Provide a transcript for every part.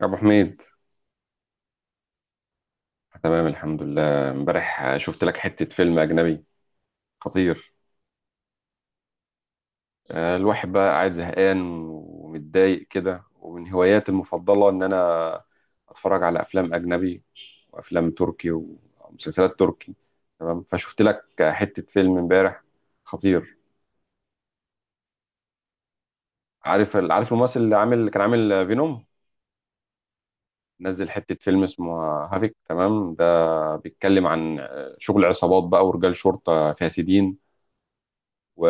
يا ابو حميد، تمام الحمد لله. امبارح شفت لك حتة فيلم اجنبي خطير. الواحد بقى قاعد زهقان ومتضايق كده، ومن هواياتي المفضلة ان انا اتفرج على افلام اجنبي وافلام تركي ومسلسلات تركي. تمام، فشفت لك حتة فيلم امبارح خطير. عارف الممثل اللي كان عامل فينوم، نزل حتة فيلم اسمه هافيك. تمام، ده بيتكلم عن شغل عصابات بقى ورجال شرطة فاسدين و...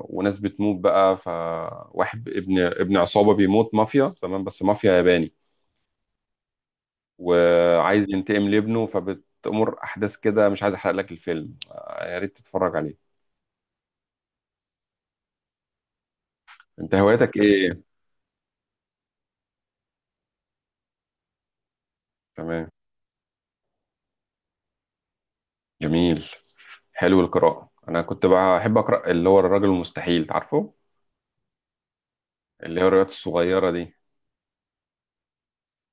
وناس بتموت بقى، فواحد ابن عصابة بيموت، مافيا. تمام بس مافيا ياباني، وعايز ينتقم لابنه فبتأمر أحداث كده. مش عايز أحرق لك الفيلم، يا ريت تتفرج عليه. أنت هواياتك إيه؟ تمام. جميل. حلو القراءة. أنا كنت بقى أحب أقرأ اللي هو الراجل المستحيل، تعرفه؟ اللي هي الروايات الصغيرة دي،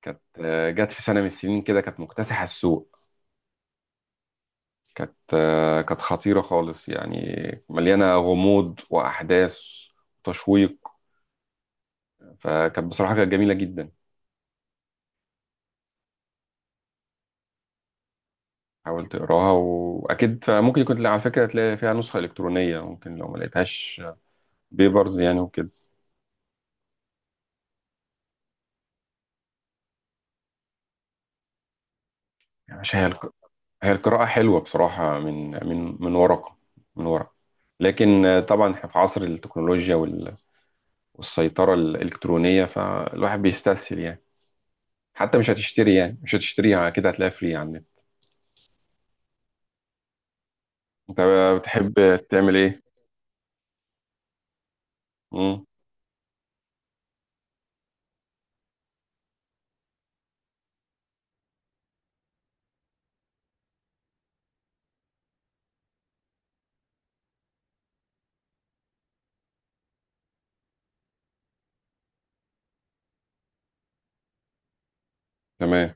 كانت، جت في سنة من السنين كده كانت مكتسحة السوق. كانت خطيرة خالص يعني، مليانة غموض وأحداث وتشويق. فكانت بصراحة كانت جميلة جدا. حاول تقراها وأكيد، فممكن يكون على فكرة تلاقي فيها نسخة إلكترونية ممكن، لو ما لقيتهاش بيبرز يعني وكده. يعني مش هي الق... هي القراءة حلوة بصراحة، من ورقة، من ورقة. لكن، طبعا احنا في عصر التكنولوجيا والسيطرة الإلكترونية، فالواحد بيستسهل يعني. حتى مش هتشتريها كده، هتلاقيها فري على النت. انت بتحب تعمل ايه؟ امم. تمام.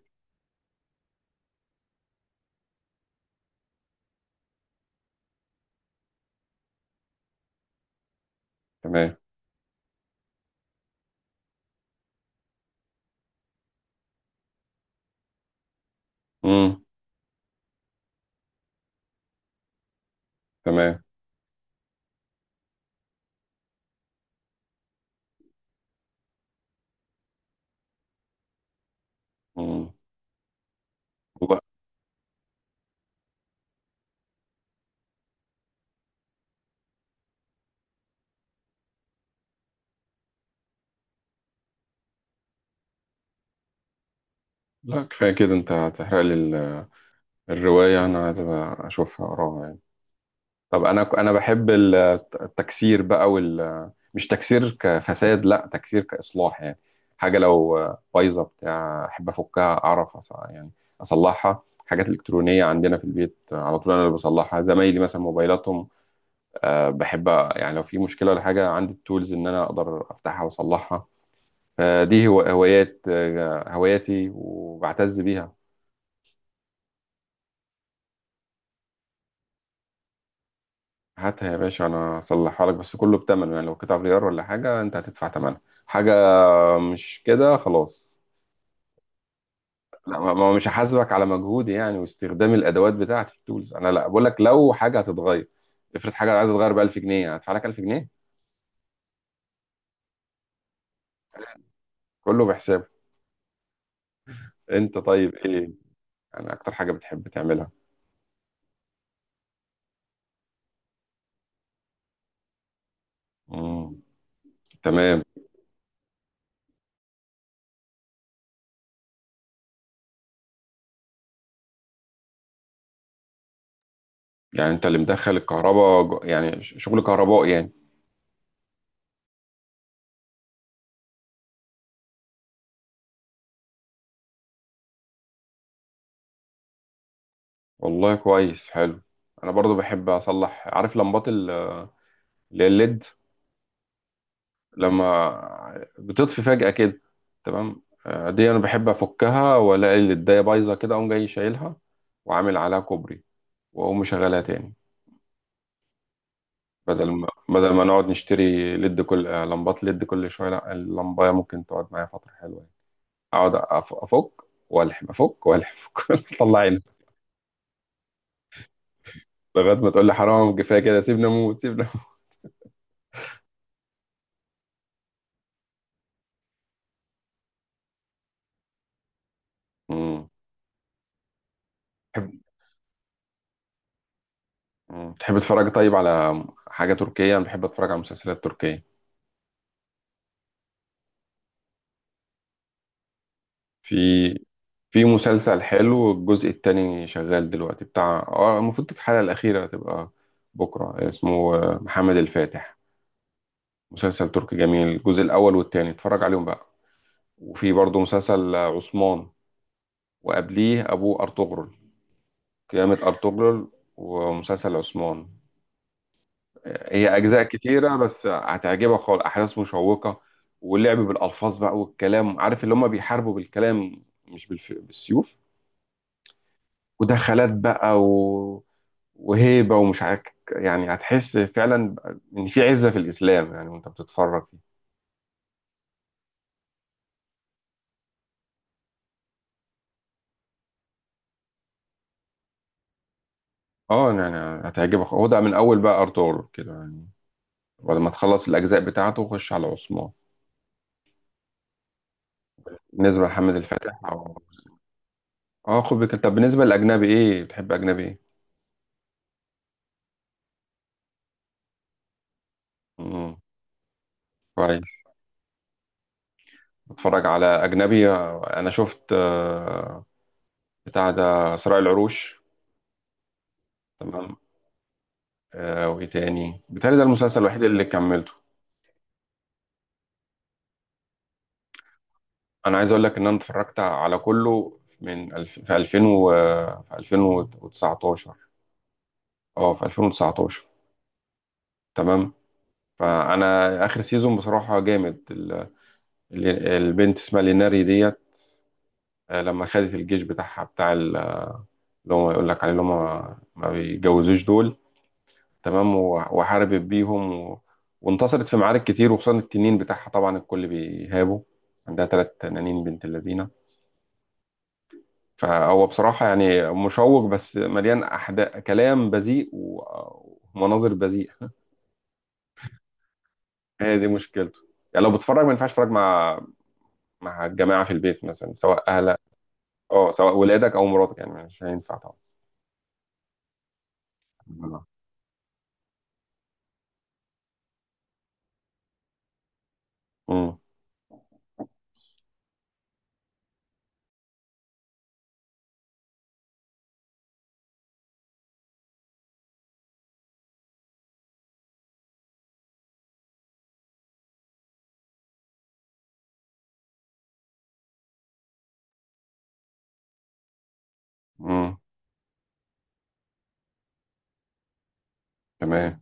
تمام. امم. تمام. امم. والله. لا كفايه كده، انت هتحرق لي الروايه، انا عايز أبقى اشوفها، اقراها يعني. طب، انا بحب التكسير بقى، مش تكسير كفساد، لا تكسير كاصلاح يعني. حاجه لو بايظه بتاع احب افكها، اعرف اصلحها. حاجات الكترونيه عندنا في البيت على طول انا اللي بصلحها، زمايلي مثلا موبايلاتهم. بحب يعني، لو في مشكلة ولا حاجة عندي التولز إن أنا أقدر أفتحها وأصلحها. فدي هو هواياتي وبعتز بيها. هاتها يا باشا، أنا أصلحها لك، بس كله بتمنه يعني. لو قطع غيار ولا حاجة أنت هتدفع تمنها. حاجة، مش كده خلاص. لا مش هحاسبك على مجهودي يعني واستخدام الأدوات بتاعتي التولز. أنا لا بقول لك لو حاجة هتتغير، افرض حاجة عايزة تتغير ب 1000 جنيه، هدفع لك 1000 جنيه. كله بحسابه. أنت طيب إيه أنا أكتر حاجة بتحب تعملها؟ مم. تمام. يعني انت اللي مدخل الكهرباء، شغل كهرباء يعني؟ والله كويس، حلو. انا برضو بحب اصلح، عارف لمبات اللي هي الليد، لما بتطفي فجأة كده. تمام، دي انا بحب افكها، والاقي الليدايه بايظه كده اقوم جاي شايلها، وعامل عليها كوبري، واقوم مشغلها تاني. بدل ما نقعد نشتري ليد، كل آه، لمبات ليد كل شويه، لا اللمبايه ممكن تقعد معايا فتره حلوه يعني. اقعد افك والحم، افك والحم اطلع، لغاية ما تقول لي حرام كفاية كده، سيبنا أموت، سيبنا أموت. مم. تحب. مم. تحب تتفرج طيب على حاجة تركية؟ أنا بحب أتفرج على مسلسلات تركية. في في مسلسل حلو، الجزء التاني شغال دلوقتي بتاع، المفروض الحلقة الأخيرة تبقى بكرة، اسمه محمد الفاتح. مسلسل تركي جميل، الجزء الأول والتاني اتفرج عليهم بقى. وفي برضه مسلسل عثمان، وقبليه أبوه أرطغرل، قيامة أرطغرل، ومسلسل عثمان. هي اجزاء كتيره بس هتعجبك خالص، احداث مشوقه. واللعب بالالفاظ بقى والكلام، عارف اللي هم بيحاربوا بالكلام مش بالسيوف، ودخلات بقى وهيبه ومش عارف، يعني هتحس فعلا ان في عزه في الاسلام يعني وانت بتتفرج فيه. اه يعني هتعجبك. هو ده من اول بقى ارطغرل كده يعني، ولما تخلص الاجزاء بتاعته خش على عثمان. بالنسبه لحمد الفتح اه، خد بالك. طب بالنسبه للاجنبي ايه، بتحب اجنبي ايه؟ امم. كويس. بتفرج على أجنبي. أنا شفت، بتاع ده صراع العروش. تمام. وإيه تاني؟ بتهيألي ده المسلسل الوحيد اللي كملته. أنا عايز أقول لك إن أنا اتفرجت على كله في 2000 في 2019، في 2019، تمام. فأنا آخر سيزون بصراحة جامد. البنت اسمها ليناري ديت، لما خدت الجيش بتاعها بتاع اللي هم يقول لك عليه، اللي هم ما بيتجوزوش دول، تمام. وحاربت بيهم وانتصرت في معارك كتير، وخصوصا التنين بتاعها طبعا الكل بيهابه، عندها 3 تنانين، بنت اللذينة. فهو بصراحة يعني مشوق، بس مليان أحداث، كلام بذيء ومناظر بذيئة هي دي مشكلته، يعني لو بتتفرج ما ينفعش تتفرج مع الجماعة في البيت مثلا، سواء أهلك، أه سواء ولادك أو مراتك، يعني مش هينفع طبعا. آه. امم. امم. تمام.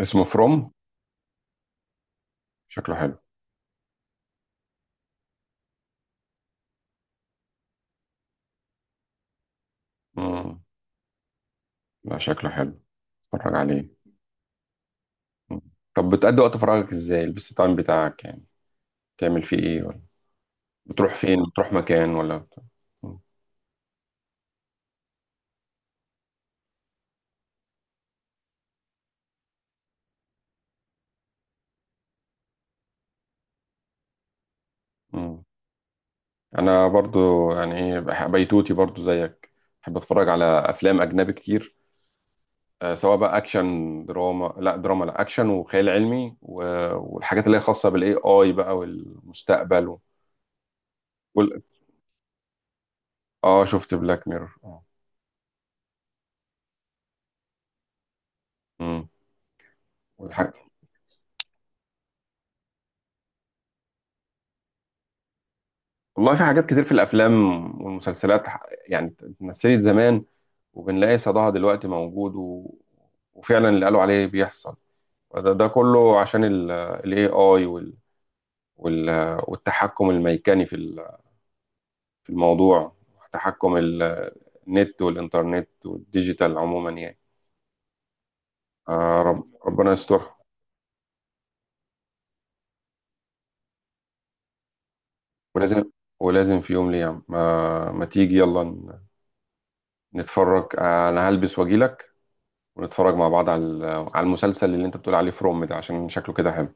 اسمه فروم، شكله حلو. امم. لا شكله حلو، اتفرج عليه. طب بتقضي وقت فراغك ازاي؟ البيست تايم بتاعك يعني بتعمل فيه ايه؟ ولا بتروح فين، بتروح مكان ولا م. م. انا برضو يعني ايه بيتوتي برضو زيك، بحب اتفرج على افلام اجنبي كتير، سواء بقى اكشن، دراما، لا دراما لا اكشن وخيال علمي والحاجات اللي هي خاصه بالاي اي بقى والمستقبل وال... اه. شفت بلاك ميرور، اه. م. والحاجة، والله في حاجات كتير في الافلام والمسلسلات، يعني اتمثلت زمان، وبنلاقي صداها دلوقتي موجود وفعلا اللي قالوا عليه بيحصل. ده كله عشان الاي اي وال... والتحكم الميكاني في في الموضوع، تحكم النت والانترنت والديجيتال عموما يعني. ربنا يسترها. ولازم ولازم في يوم ليا، ما تيجي يلا نتفرج، انا هلبس واجيلك، ونتفرج مع بعض على على المسلسل اللي انت بتقول عليه فروم ده عشان شكله كده حلو.